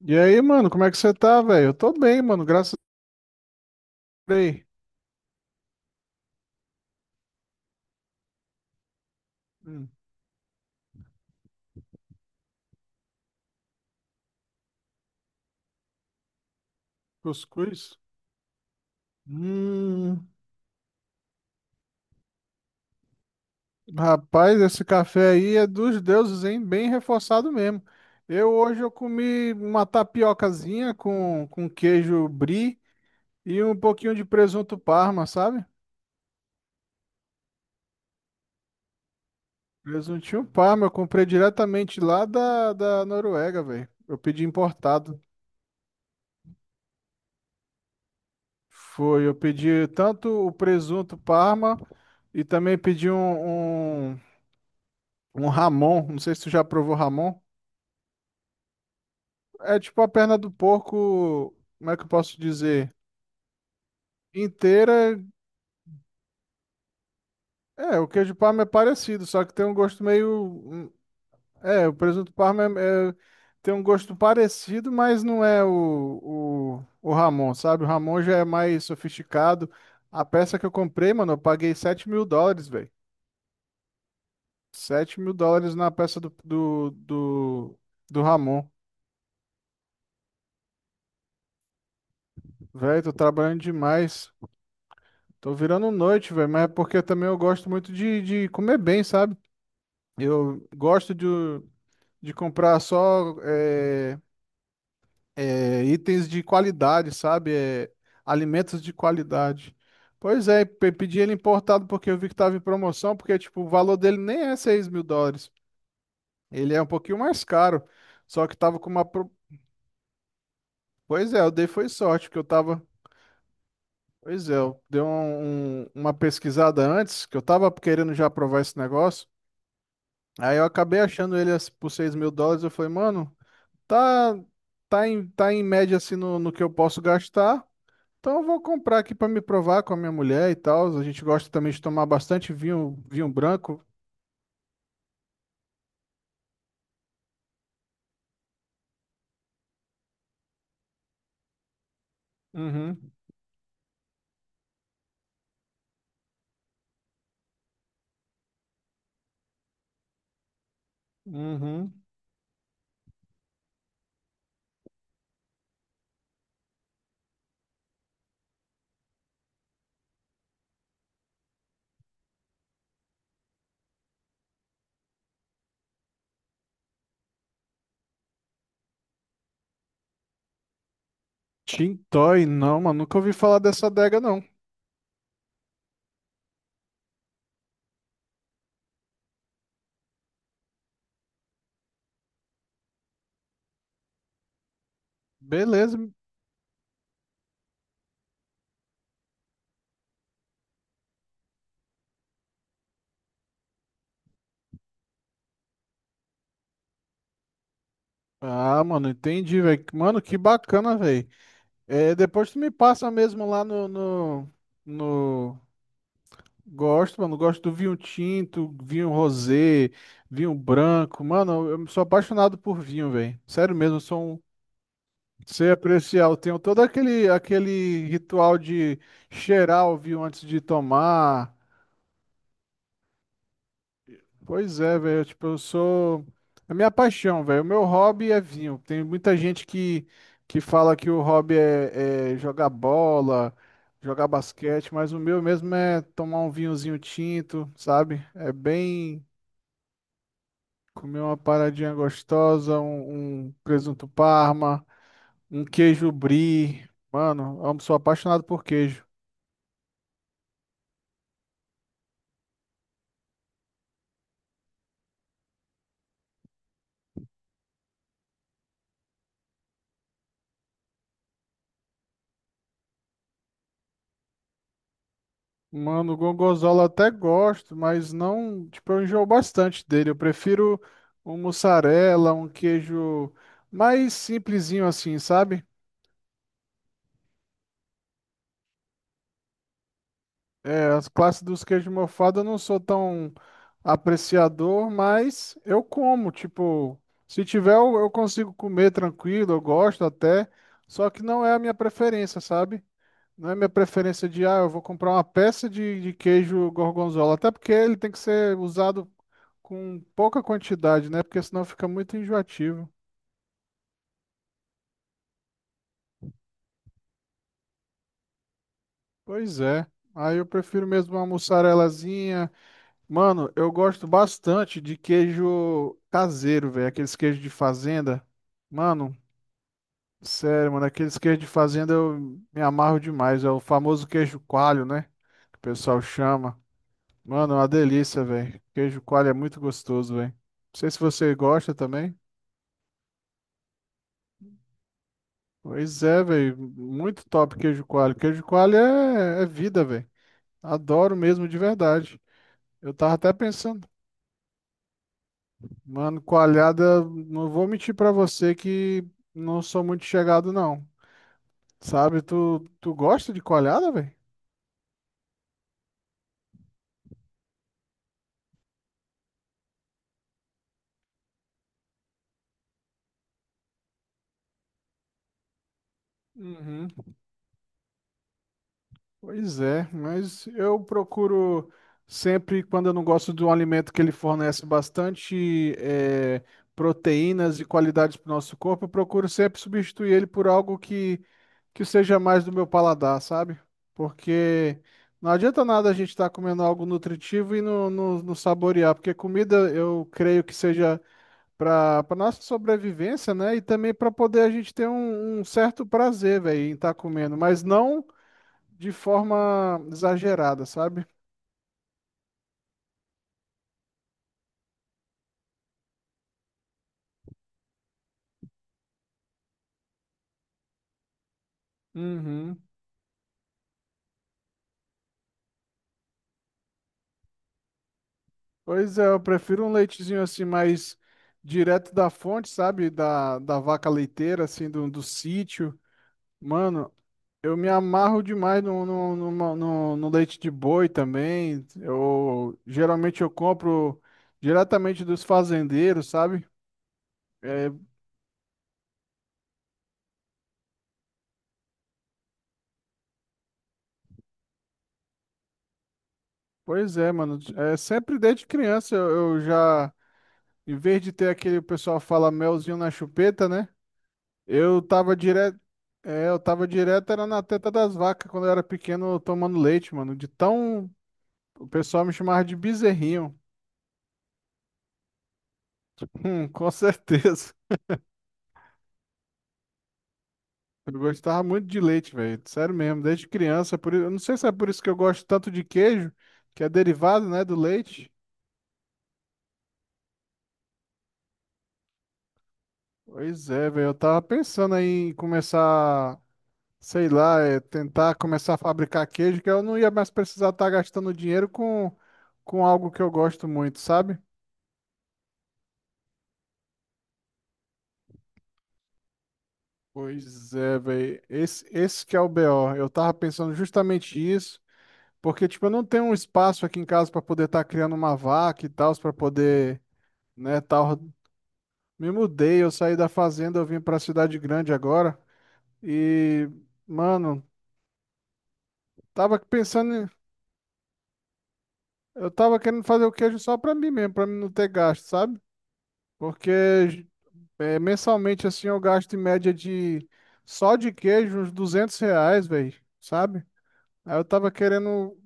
E aí, mano, como é que você tá, velho? Eu tô bem, mano, graças a Deus. Hum, Cuscuz? Hum, Rapaz, esse café aí é dos deuses, hein? Bem reforçado mesmo. Eu hoje eu comi uma tapiocazinha com queijo brie e um pouquinho de presunto parma, sabe? Presuntinho parma, eu comprei diretamente lá da Noruega, velho. Eu pedi importado. Foi, eu pedi tanto o presunto parma e também pedi um ramon, não sei se tu já provou ramon. É tipo a perna do porco, como é que eu posso dizer? Inteira. É, o queijo parma é parecido, só que tem um gosto meio... hum, É, o presunto parma tem um gosto parecido, mas não é o ramon, sabe? O ramon já é mais sofisticado. A peça que eu comprei, mano, eu paguei US$ 7.000, velho. US$ 7.000 na peça do ramon. Velho, tô trabalhando demais. Tô virando noite, velho, mas é porque também eu gosto muito de comer bem, sabe? Eu gosto de comprar só itens de qualidade, sabe? É, alimentos de qualidade. Pois é, pedi ele importado porque eu vi que tava em promoção, porque tipo, o valor dele nem é US$ 6.000. Ele é um pouquinho mais caro, só que tava com uma... Pois é, eu dei foi sorte, porque eu tava... Pois é, eu dei uma pesquisada antes, que eu tava querendo já provar esse negócio. Aí eu acabei achando ele assim, por US$ 6.000. Eu falei, mano, tá, tá em média assim no que eu posso gastar. Então eu vou comprar aqui pra me provar com a minha mulher e tal. A gente gosta também de tomar bastante vinho, vinho branco. Uhum, uhum. Tintoy, não, mano, nunca ouvi falar dessa adega, não. Beleza. Ah, mano, entendi, velho. Mano, que bacana, velho. É, depois tu me passa mesmo lá no, no, no, Gosto, mano. Gosto do vinho tinto, vinho rosé, vinho branco. Mano, eu sou apaixonado por vinho, velho. Sério mesmo, eu sou um. Sei apreciar. Eu tenho todo aquele ritual de cheirar o vinho antes de tomar. Pois é, velho. Tipo, eu sou. É minha paixão, velho. O meu hobby é vinho. Tem muita gente que fala que o hobby é jogar bola, jogar basquete, mas o meu mesmo é tomar um vinhozinho tinto, sabe? É bem. Comer uma paradinha gostosa, um presunto parma, um queijo brie. Mano, eu sou apaixonado por queijo. Mano, gorgonzola até gosto, mas não, tipo, eu enjoo bastante dele. Eu prefiro um mussarela, um queijo mais simplesinho assim, sabe? É, as classes dos queijos mofados eu não sou tão apreciador, mas eu como, tipo, se tiver eu consigo comer tranquilo, eu gosto até, só que não é a minha preferência, sabe? Não é minha preferência de, ah, eu vou comprar uma peça de queijo gorgonzola, até porque ele tem que ser usado com pouca quantidade, né? Porque senão fica muito enjoativo. Pois é, aí eu prefiro mesmo uma mussarelazinha. Mano, eu gosto bastante de queijo caseiro, velho. Aqueles queijos de fazenda. Mano, sério, mano, aqueles queijos de fazenda eu me amarro demais. É o famoso queijo coalho, né? Que o pessoal chama. Mano, é uma delícia, velho. Queijo coalho é muito gostoso, velho. Não sei se você gosta também. Pois é, velho. Muito top queijo coalho. Queijo coalho é vida, velho. Adoro mesmo de verdade. Eu tava até pensando. Mano, coalhada, não vou mentir pra você que não sou muito chegado, não. Sabe, tu gosta de coalhada, velho? Pois é, mas eu procuro sempre, quando eu não gosto de um alimento que ele fornece bastante proteínas e qualidades para o nosso corpo, eu procuro sempre substituir ele por algo que seja mais do meu paladar, sabe? Porque não adianta nada a gente estar comendo algo nutritivo e não saborear, porque comida eu creio que seja para para nossa sobrevivência, né? E também para poder a gente ter um certo prazer, velho, em estar comendo, mas não de forma exagerada, sabe? Uhum. Pois é, eu prefiro um leitezinho assim mais direto da fonte, sabe? Da vaca leiteira, assim, do sítio. Mano, eu me amarro demais no leite de boi também. Eu geralmente eu compro diretamente dos fazendeiros, sabe? É, pois é, mano. É, sempre desde criança eu já, em vez de ter aquele o pessoal fala melzinho na chupeta, né? Eu tava direto. É, eu tava direto, era na teta das vacas quando eu era pequeno tomando leite, mano. De tão. O pessoal me chamava de bezerrinho. Com certeza. Eu gostava muito de leite, velho. Sério mesmo, desde criança. Eu não sei se é por isso que eu gosto tanto de queijo, que é derivado, né, do leite. Pois é, velho. Eu tava pensando aí em começar, sei lá, tentar começar a fabricar queijo, que eu não ia mais precisar estar gastando dinheiro com algo que eu gosto muito, sabe? Pois é, velho. Esse que é o BO. Eu tava pensando justamente isso, porque, tipo, eu não tenho um espaço aqui em casa pra poder estar criando uma vaca e tal, pra poder, né, tal. Me mudei, eu saí da fazenda, eu vim pra cidade grande agora. E, mano, tava pensando, em- eu tava querendo fazer o queijo só pra mim mesmo, pra mim não ter gasto, sabe? Porque é, mensalmente, assim, eu gasto em média de, só de queijo, uns R$ 200, velho, sabe? Aí eu tava querendo...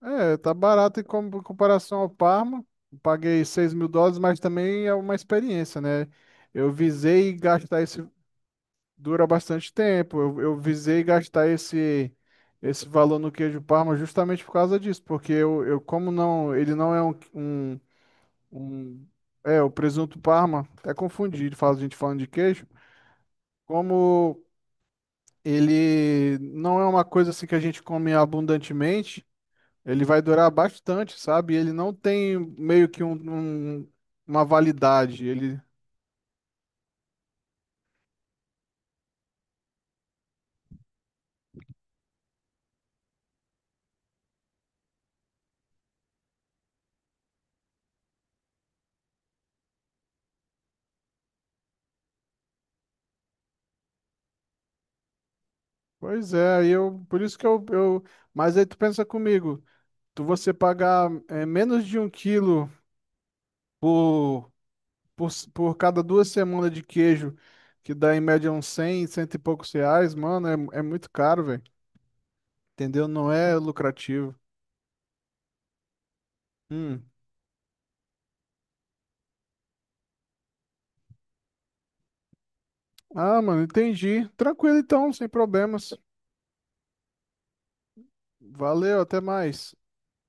É, tá barato em em comparação ao Parma. Paguei US$ 6.000, mas também é uma experiência, né? Eu visei gastar esse. Dura bastante tempo. Eu visei gastar esse, esse valor no queijo Parma justamente por causa disso, porque eu como não. Ele não é um... É, o presunto Parma, até confundido, fala a gente falando de queijo. Como ele não é uma coisa assim que a gente come abundantemente. Ele vai durar bastante, sabe? Ele não tem meio que um- uma validade. Pois é, aí eu, por isso que eu, mas aí tu pensa comigo, tu você pagar menos de um quilo por, por, por cada duas semanas de queijo, que dá em média uns 100, cento e poucos reais, mano, é muito caro, velho. Entendeu? Não é lucrativo. Hum. Ah, mano, entendi. Tranquilo então, sem problemas. Valeu, até mais.